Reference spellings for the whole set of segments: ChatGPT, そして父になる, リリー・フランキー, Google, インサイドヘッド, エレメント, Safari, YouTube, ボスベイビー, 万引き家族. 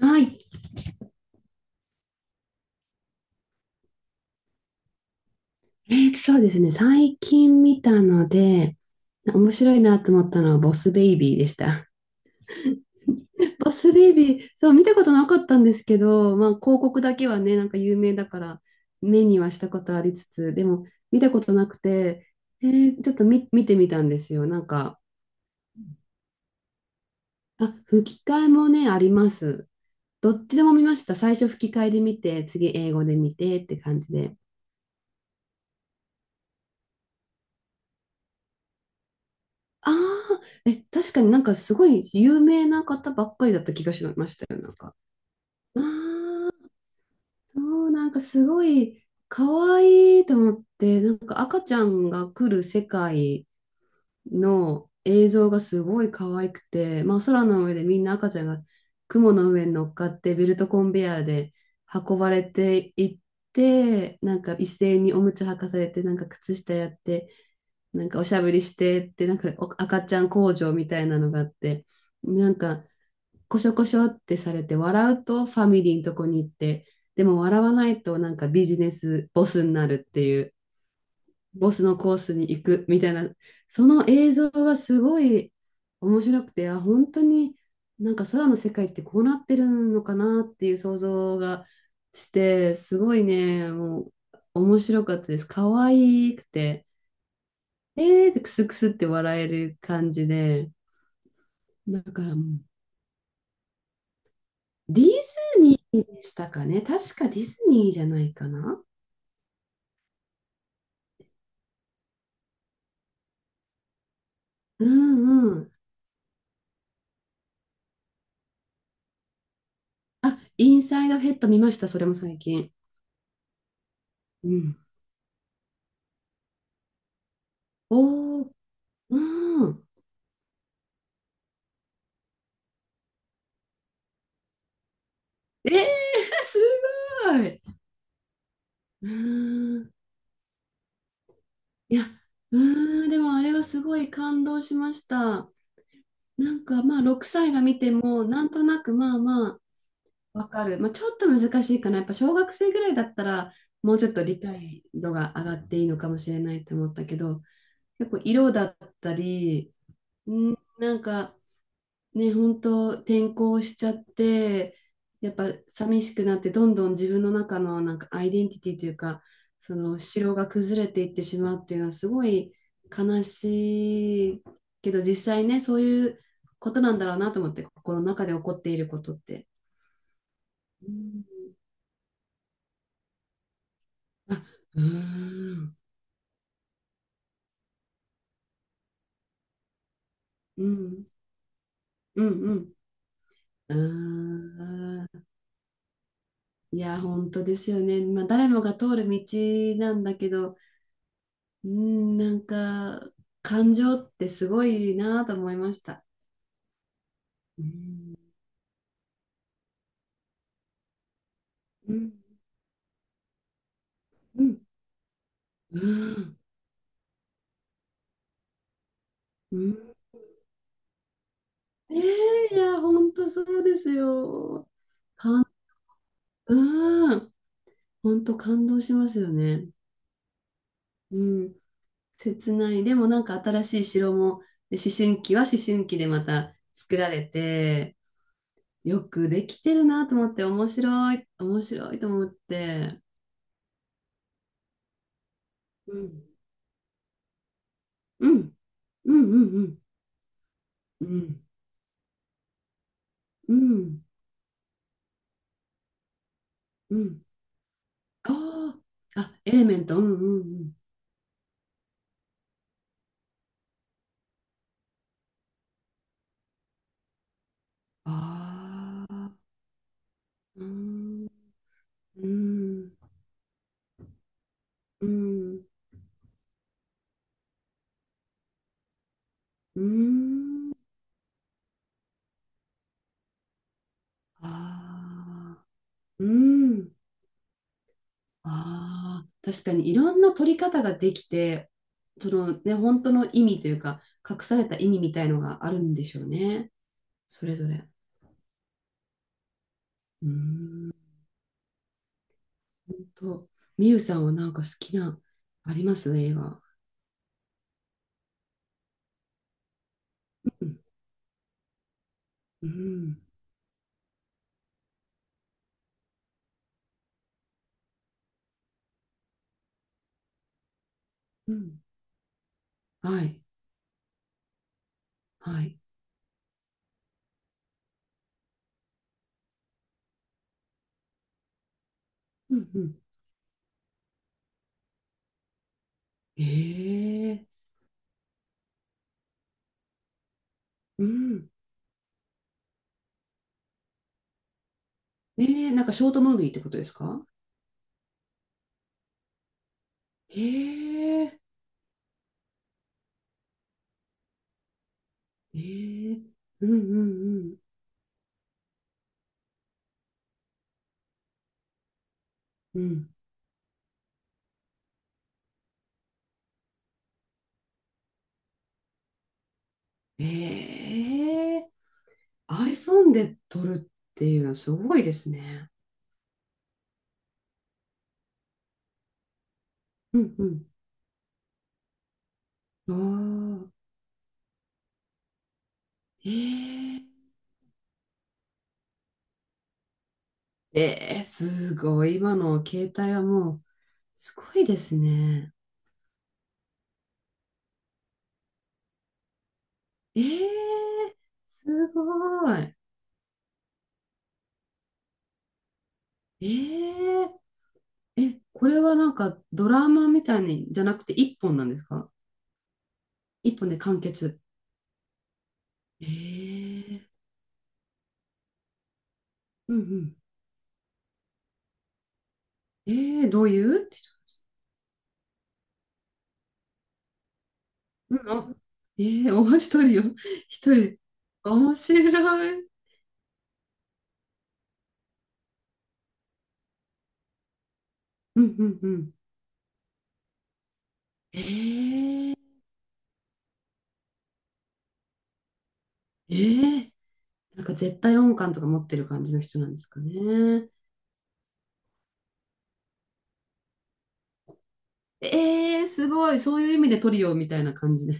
はい。そうですね。最近見たので、面白いなと思ったのはボスベイビーでした。ボスベイビー、そう、見たことなかったんですけど、まあ、広告だけはね、なんか有名だから、目にはしたことありつつ、でも、見たことなくて、ちょっと見てみたんですよ。なんか、あ、吹き替えもね、あります。どっちでも見ました。最初吹き替えで見て、次英語で見てって感じで。ああ、え、確かになんかすごい有名な方ばっかりだった気がしましたよ、なんか。ああ、そうなんかすごい可愛いと思って、なんか赤ちゃんが来る世界の映像がすごい可愛くて、まあ空の上でみんな赤ちゃんが雲の上に乗っかってベルトコンベヤーで運ばれていって、なんか一斉におむつ履かされて、なんか靴下やって、なんかおしゃべりしてって、なんかお赤ちゃん工場みたいなのがあって、なんかこしょこしょってされて、笑うとファミリーのとこに行って、でも笑わないとなんかビジネスボスになるっていう、ボスのコースに行くみたいな、その映像がすごい面白くて、あ、本当になんか空の世界ってこうなってるのかなっていう想像がして、すごいね、もう面白かったです。可愛くて。でクスクスって笑える感じで、だからもう、ディズニーでしたかね。確かディズニーじゃないかな。うんうん。あ、インサイドヘッド見ました、それも最近。うん。おー、うん。えー、すごい。うーん。いや、うーん、でもあれはすごい感動しました。なんかまあ、6歳が見ても、なんとなくまあまあ、わかる。まあ、ちょっと難しいかな。やっぱ小学生ぐらいだったら、もうちょっと理解度が上がっていいのかもしれないと思ったけど、結構色だったり、うん、なんかね、本当転校しちゃって、やっぱ寂しくなって、どんどん自分の中のなんかアイデンティティというか、その城が崩れていってしまうっていうのはすごい悲しいけど、実際ね、そういうことなんだろうなと思って、心の中で起こっていることって。うんうーんうん、うん、うん。うーん。いや、本当ですよね。まあ、誰もが通る道なんだけど、うん、なんか、感情ってすごいなと思いました。うん。うん、うん、うん。うん、えーいや、本当そうですよ。うん。本当感動しますよね。うん。切ない。でもなんか新しい城も、で思春期は思春期でまた作られて、よくできてるなと思って、面白い、面白いと思って、うん、うん、うん、うん、うん、うん、うん、うんああ、あ、エレメント、うん、うん、うん、ああ、うん、うん、うん、うん、ああ、うん、ああ、確かにいろんな取り方ができて、そのね、本当の意味というか、隠された意味みたいのがあるんでしょうね、それぞれ。うーん本当、みゆさんはなんか好きな、あります映画。うん、うん、うん、はい、はい。うん、うん。ええうん。ええなんかショートムービーってことですか？ええええうん、うん、うん、うん。ええ iPhone で撮るっていうのはすごいですね。うん、うん。ああ、ええええすごい。今の携帯はもう、すごいですね。ええすごい。えええ、これはなんかドラマみたいにじゃなくて一本なんですか？一本で完結。ええうんうん。ええどういう？うん、あ、ええお、一人よ。一人。面白い。うんうんうん。えええーなんか絶対音感とか持ってる感じの人なんですかね？ええすごい。そういう意味でトリオみたいな感じで。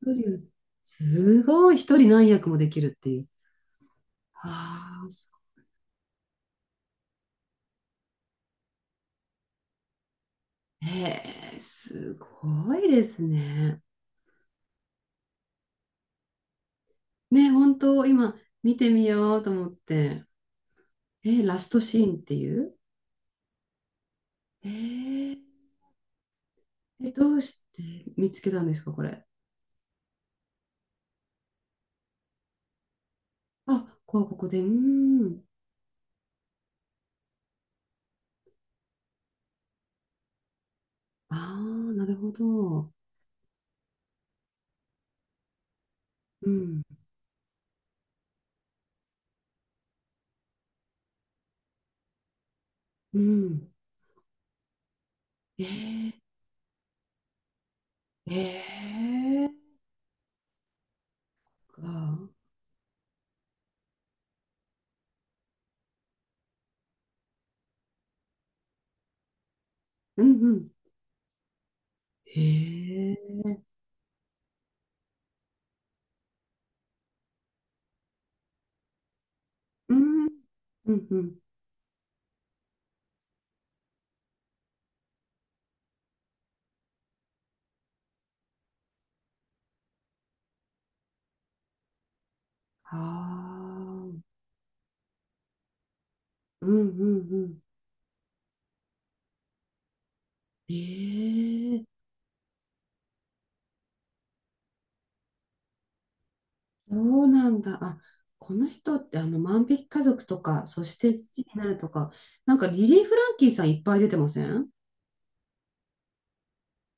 一人、すごい、一人何役もできるっていう。ああ、そうえー、すごいですね。ね、本当、今、見てみようと思って。え、ラストシーンっていう。ええ、えどうして見つけたんですか、これ？あ、ここ、ここで、うーん。ああ、なるほど。うん、うん。ええ、ええ、か。うん、うん。ええ、うん、うん、うん。ああ。うんうんうん。ええそうなんだ。あ、この人ってあの万引き家族とか、そして父になるとか、なんかリリー・フランキーさんいっぱい出てません？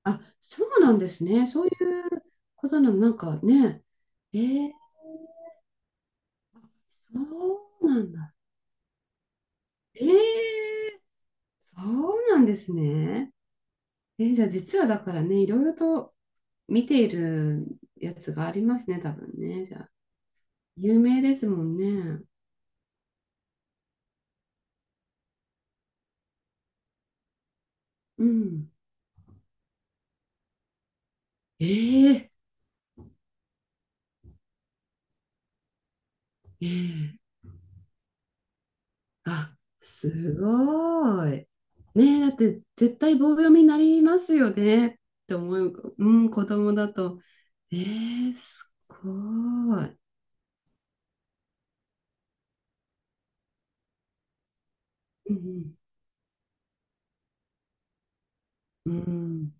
あ、そうなんですね。そういうことなの、なんかね。ええそうなんだ。ええそうなんですね。えーじゃあ実はだからね、いろいろと見ているやつがありますね、多分ね。じゃあ、有名ですもんね。うん。ええええあ、すごい。ねえ、だって絶対棒読みになりますよねって思う、うん、子供だと。ええすごい。うん、うん、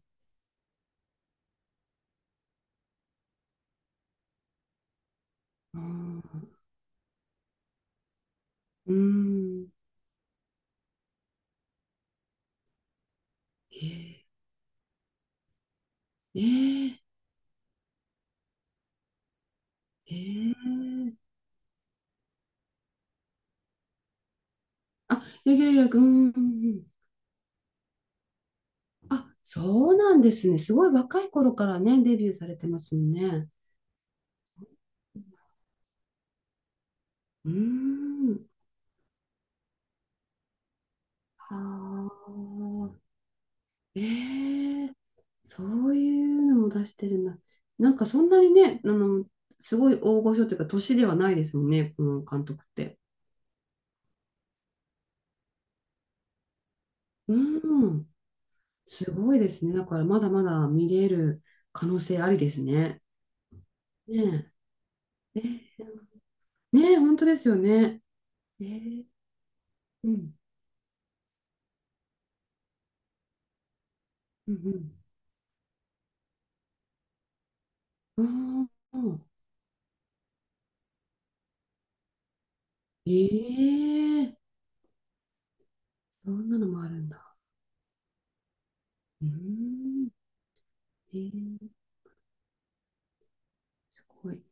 うん、うん、ええええええあ、柳楽役、うん、うんうんあ、そうなんですね。すごい若い頃からね、デビューされてますもんね。うーん。ああ。ええそういうのも出してるんだ。なんかそんなにね、あの、すごい大御所というか、年ではないですもんね、この監督って。うん、すごいですね。だからまだまだ見れる可能性ありですね。ねえ。えーねえ、本当ですよね。えー、うん、うん、うん。ああ、ええそんなのもあるんだ。うん、えー、すごい。